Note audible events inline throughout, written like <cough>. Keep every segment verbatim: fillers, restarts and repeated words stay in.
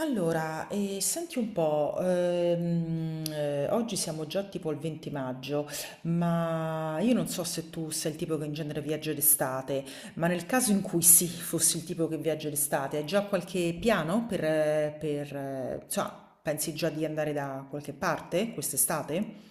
Allora, eh, senti un po', ehm, eh, oggi siamo già tipo il venti maggio, ma io non so se tu sei il tipo che in genere viaggia d'estate, ma nel caso in cui sì, fossi il tipo che viaggia d'estate, hai già qualche piano per, eh, per, eh, insomma, pensi già di andare da qualche parte quest'estate?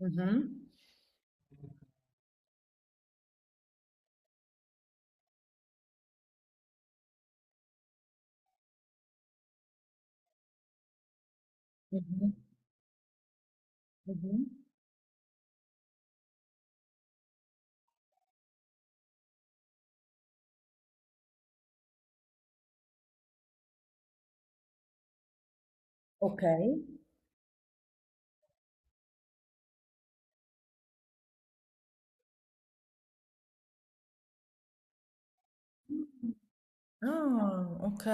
Mhm. Mhm. Mhm. Ok. Ah, ok.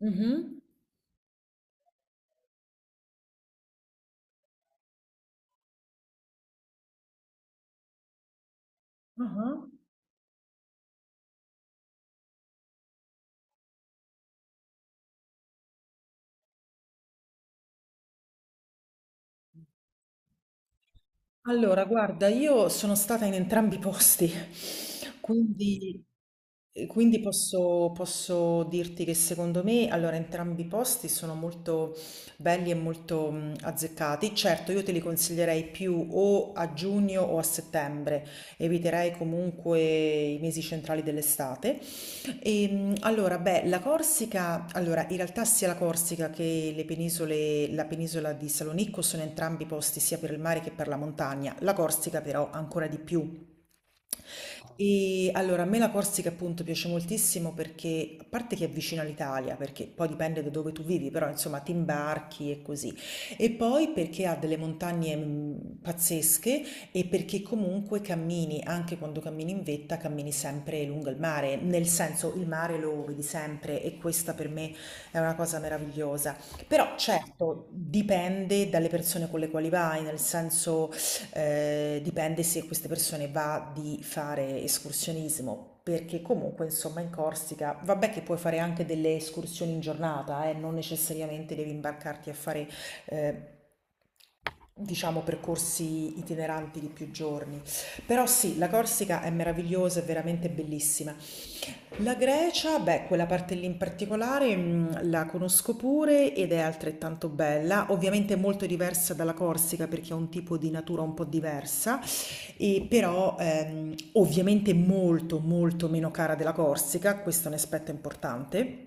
Mhm. Ah. Allora, guarda, io sono stata in entrambi i posti, quindi, e quindi posso, posso dirti che secondo me, allora, entrambi i posti sono molto belli e molto mh, azzeccati. Certo, io te li consiglierei più o a giugno o a settembre, eviterei comunque i mesi centrali dell'estate. Ehm, allora, beh, la Corsica, allora, in realtà sia la Corsica che le penisole, la penisola di Salonicco sono entrambi posti sia per il mare che per la montagna. La Corsica però ancora di più e allora, a me la Corsica appunto piace moltissimo perché, a parte che è vicina all'Italia, perché poi dipende da dove tu vivi, però insomma ti imbarchi e così, e poi perché ha delle montagne mh, pazzesche e perché comunque cammini, anche quando cammini in vetta, cammini sempre lungo il mare, nel senso il mare lo vedi sempre e questa per me è una cosa meravigliosa. Però certo, dipende dalle persone con le quali vai, nel senso. Ehm, dipende se queste persone va di fare escursionismo, perché comunque insomma in Corsica, vabbè che puoi fare anche delle escursioni in giornata, eh, non necessariamente devi imbarcarti a fare eh, diciamo percorsi itineranti di più giorni. Però sì, la Corsica è meravigliosa, è veramente bellissima. La Grecia, beh, quella parte lì in particolare mh, la conosco pure ed è altrettanto bella, ovviamente molto diversa dalla Corsica perché ha un tipo di natura un po' diversa, e però ehm, ovviamente molto molto meno cara della Corsica, questo è un aspetto importante.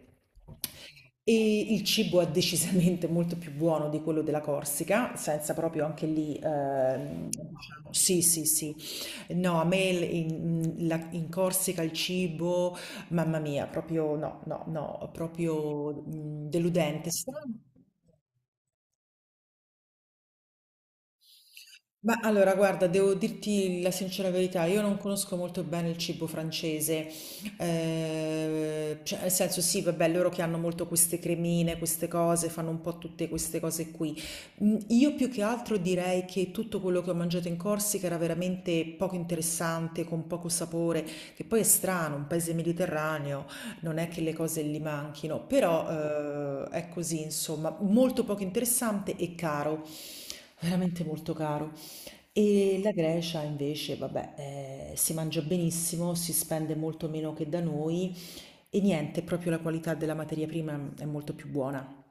E il cibo è decisamente molto più buono di quello della Corsica, senza proprio anche lì, ehm, diciamo, sì, sì, sì. No, a me il- in, la- in Corsica il cibo, mamma mia, proprio no, no, no, proprio mm, deludente. Strano. Ma allora, guarda, devo dirti la sincera verità, io non conosco molto bene il cibo francese, eh, cioè, nel senso sì, vabbè, loro che hanno molto queste cremine, queste cose, fanno un po' tutte queste cose qui. Mm, Io più che altro direi che tutto quello che ho mangiato in Corsica era veramente poco interessante, con poco sapore, che poi è strano, un paese mediterraneo, non è che le cose gli manchino, però eh, è così, insomma, molto poco interessante e caro. Veramente molto caro. E la Grecia invece, vabbè, eh, si mangia benissimo, si spende molto meno che da noi e niente, proprio la qualità della materia prima è molto più buona.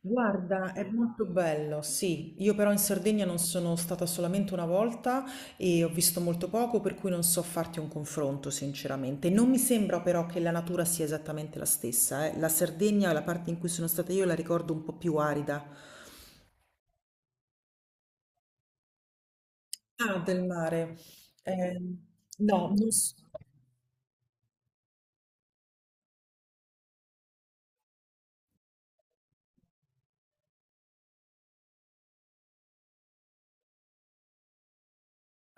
Guarda, è molto bello, sì. Io però in Sardegna non sono stata solamente una volta e ho visto molto poco, per cui non so farti un confronto, sinceramente. Non mi sembra però che la natura sia esattamente la stessa, eh. La Sardegna, la parte in cui sono stata io, la ricordo un po' più arida. Ah, del mare. Eh, no, non so.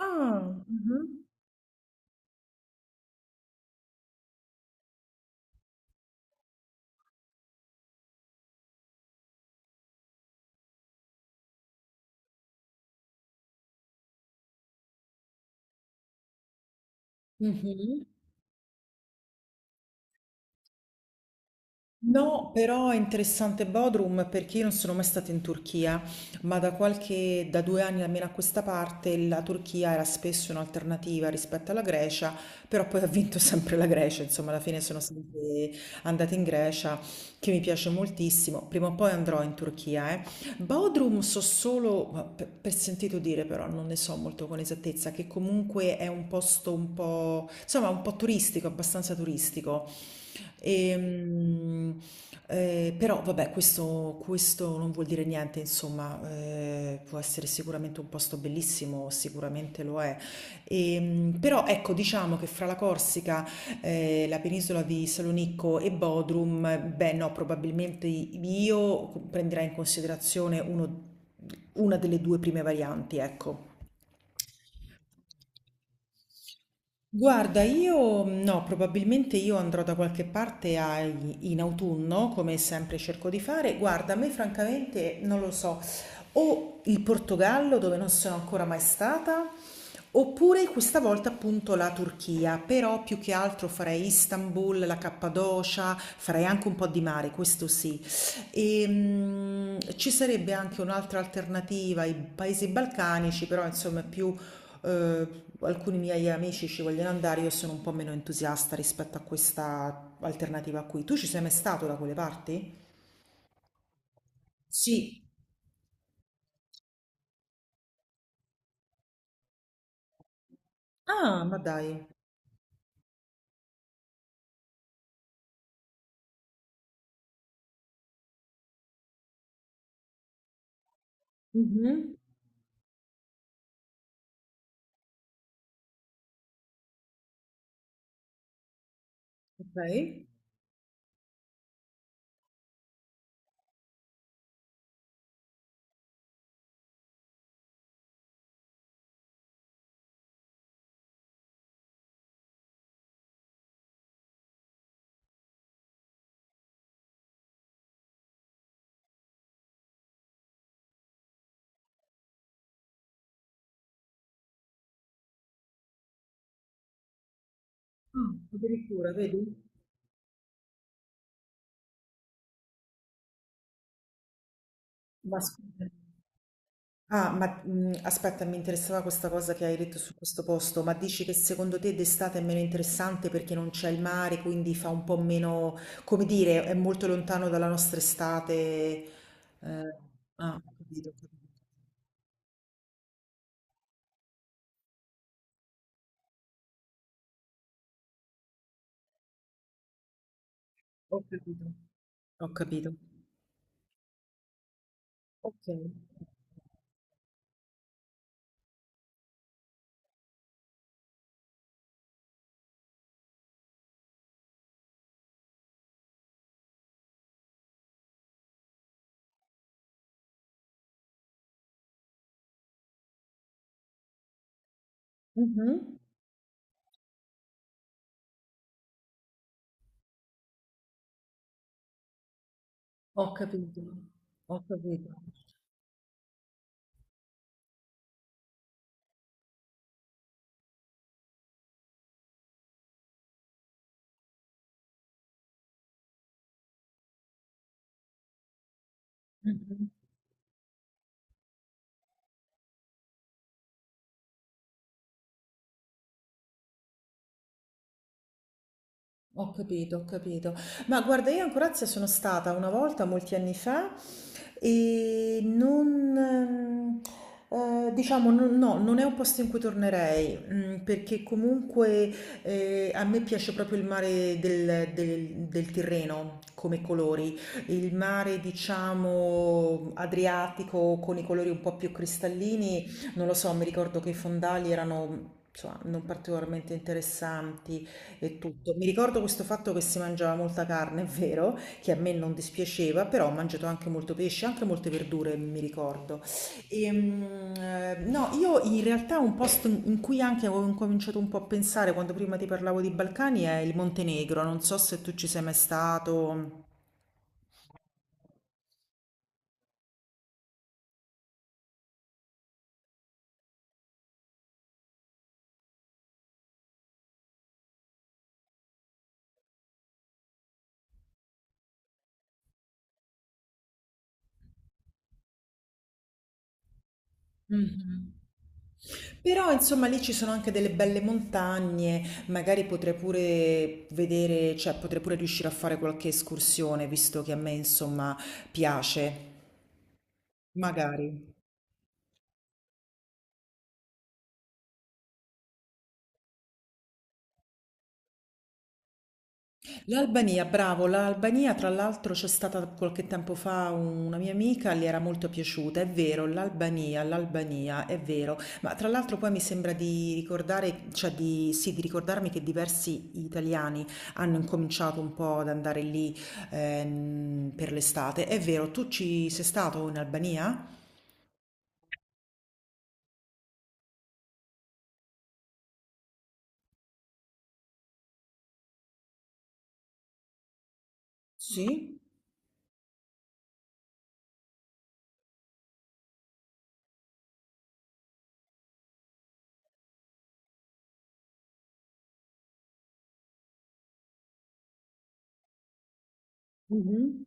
Ah, mh-mh. Mh-mh. No, però è interessante Bodrum perché io non sono mai stata in Turchia, ma da qualche, da due anni almeno a questa parte la Turchia era spesso un'alternativa rispetto alla Grecia, però poi ha vinto <laughs> sempre la Grecia, insomma alla fine sono sempre andata in Grecia, che mi piace moltissimo, prima o poi andrò in Turchia, eh. Bodrum so solo, ma per, per sentito dire però, non ne so molto con esattezza, che comunque è un posto un po', insomma un po' turistico, abbastanza turistico. Ehm, eh, Però vabbè, questo, questo non vuol dire niente, insomma, eh, può essere sicuramente un posto bellissimo, sicuramente lo è. Ehm, però ecco, diciamo che fra la Corsica, eh, la penisola di Salonicco e Bodrum, beh no, probabilmente io prenderei in considerazione uno- una delle due prime varianti, ecco. Guarda, io no, probabilmente io andrò da qualche parte a- in autunno, come sempre cerco di fare. Guarda, a me francamente non lo so, o il Portogallo dove non sono ancora mai stata, oppure questa volta appunto la Turchia, però più che altro farei Istanbul, la Cappadocia, farei anche un po' di mare, questo sì. E, mm, ci sarebbe anche un'altra alternativa, i paesi balcanici, però insomma è più eh, alcuni miei amici ci vogliono andare, io sono un po' meno entusiasta rispetto a questa alternativa qui. Tu ci sei mai stato da quelle parti? Sì. Ah, ma dai. Mhm. Ok. Ah, addirittura, vedi? Ma scusa. Ah, ma mh, aspetta, mi interessava questa cosa che hai detto su questo posto, ma dici che secondo te d'estate è meno interessante perché non c'è il mare, quindi fa un po' meno, come dire, è molto lontano dalla nostra estate. eh, ah, Ho capito, ho capito. Ho capito. Ho capito. Okay. Mh-mh. Ho capito. Ho capito. Mh-mh. Ho capito, ho capito. Ma guarda, io in Croazia sono stata una volta, molti anni fa, e non, ehm, eh, diciamo, non- no, non è un posto in cui tornerei, mm, perché comunque eh, a me piace proprio il mare del, del- del Tirreno come colori, il mare, diciamo, Adriatico con i colori un po' più cristallini, non lo so, mi ricordo che i fondali erano. Insomma, non particolarmente interessanti, e tutto. Mi ricordo questo fatto che si mangiava molta carne, è vero, che a me non dispiaceva, però ho mangiato anche molto pesce, anche molte verdure, mi ricordo. E, mm, eh, no, io in realtà un posto in cui anche avevo incominciato un po' a pensare quando prima ti parlavo di Balcani è il Montenegro, non so se tu ci sei mai stato. Mhm. Però insomma lì ci sono anche delle belle montagne, magari potrei pure vedere, cioè potrei pure riuscire a fare qualche escursione, visto che a me insomma piace. Magari. L'Albania, bravo, l'Albania tra l'altro c'è stata qualche tempo fa una mia amica, le era molto piaciuta, è vero, l'Albania, l'Albania, è vero, ma tra l'altro poi mi sembra di ricordare, cioè di, sì, di ricordarmi che diversi italiani hanno incominciato un po' ad andare lì ehm, per l'estate, è vero, tu ci sei stato in Albania? Sì? Mhm,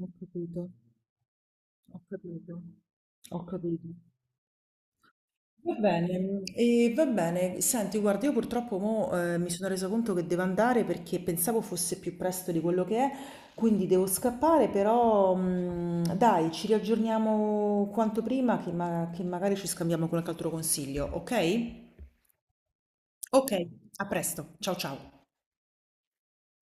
ho capito, ho capito, ho capito. Va bene, e va bene. Senti, guarda, io purtroppo mo, eh, mi sono resa conto che devo andare perché pensavo fosse più presto di quello che è, quindi devo scappare, però mh, dai, ci riaggiorniamo quanto prima che, ma- che magari ci scambiamo qualche altro consiglio, ok? Ok, a presto. Ciao ciao.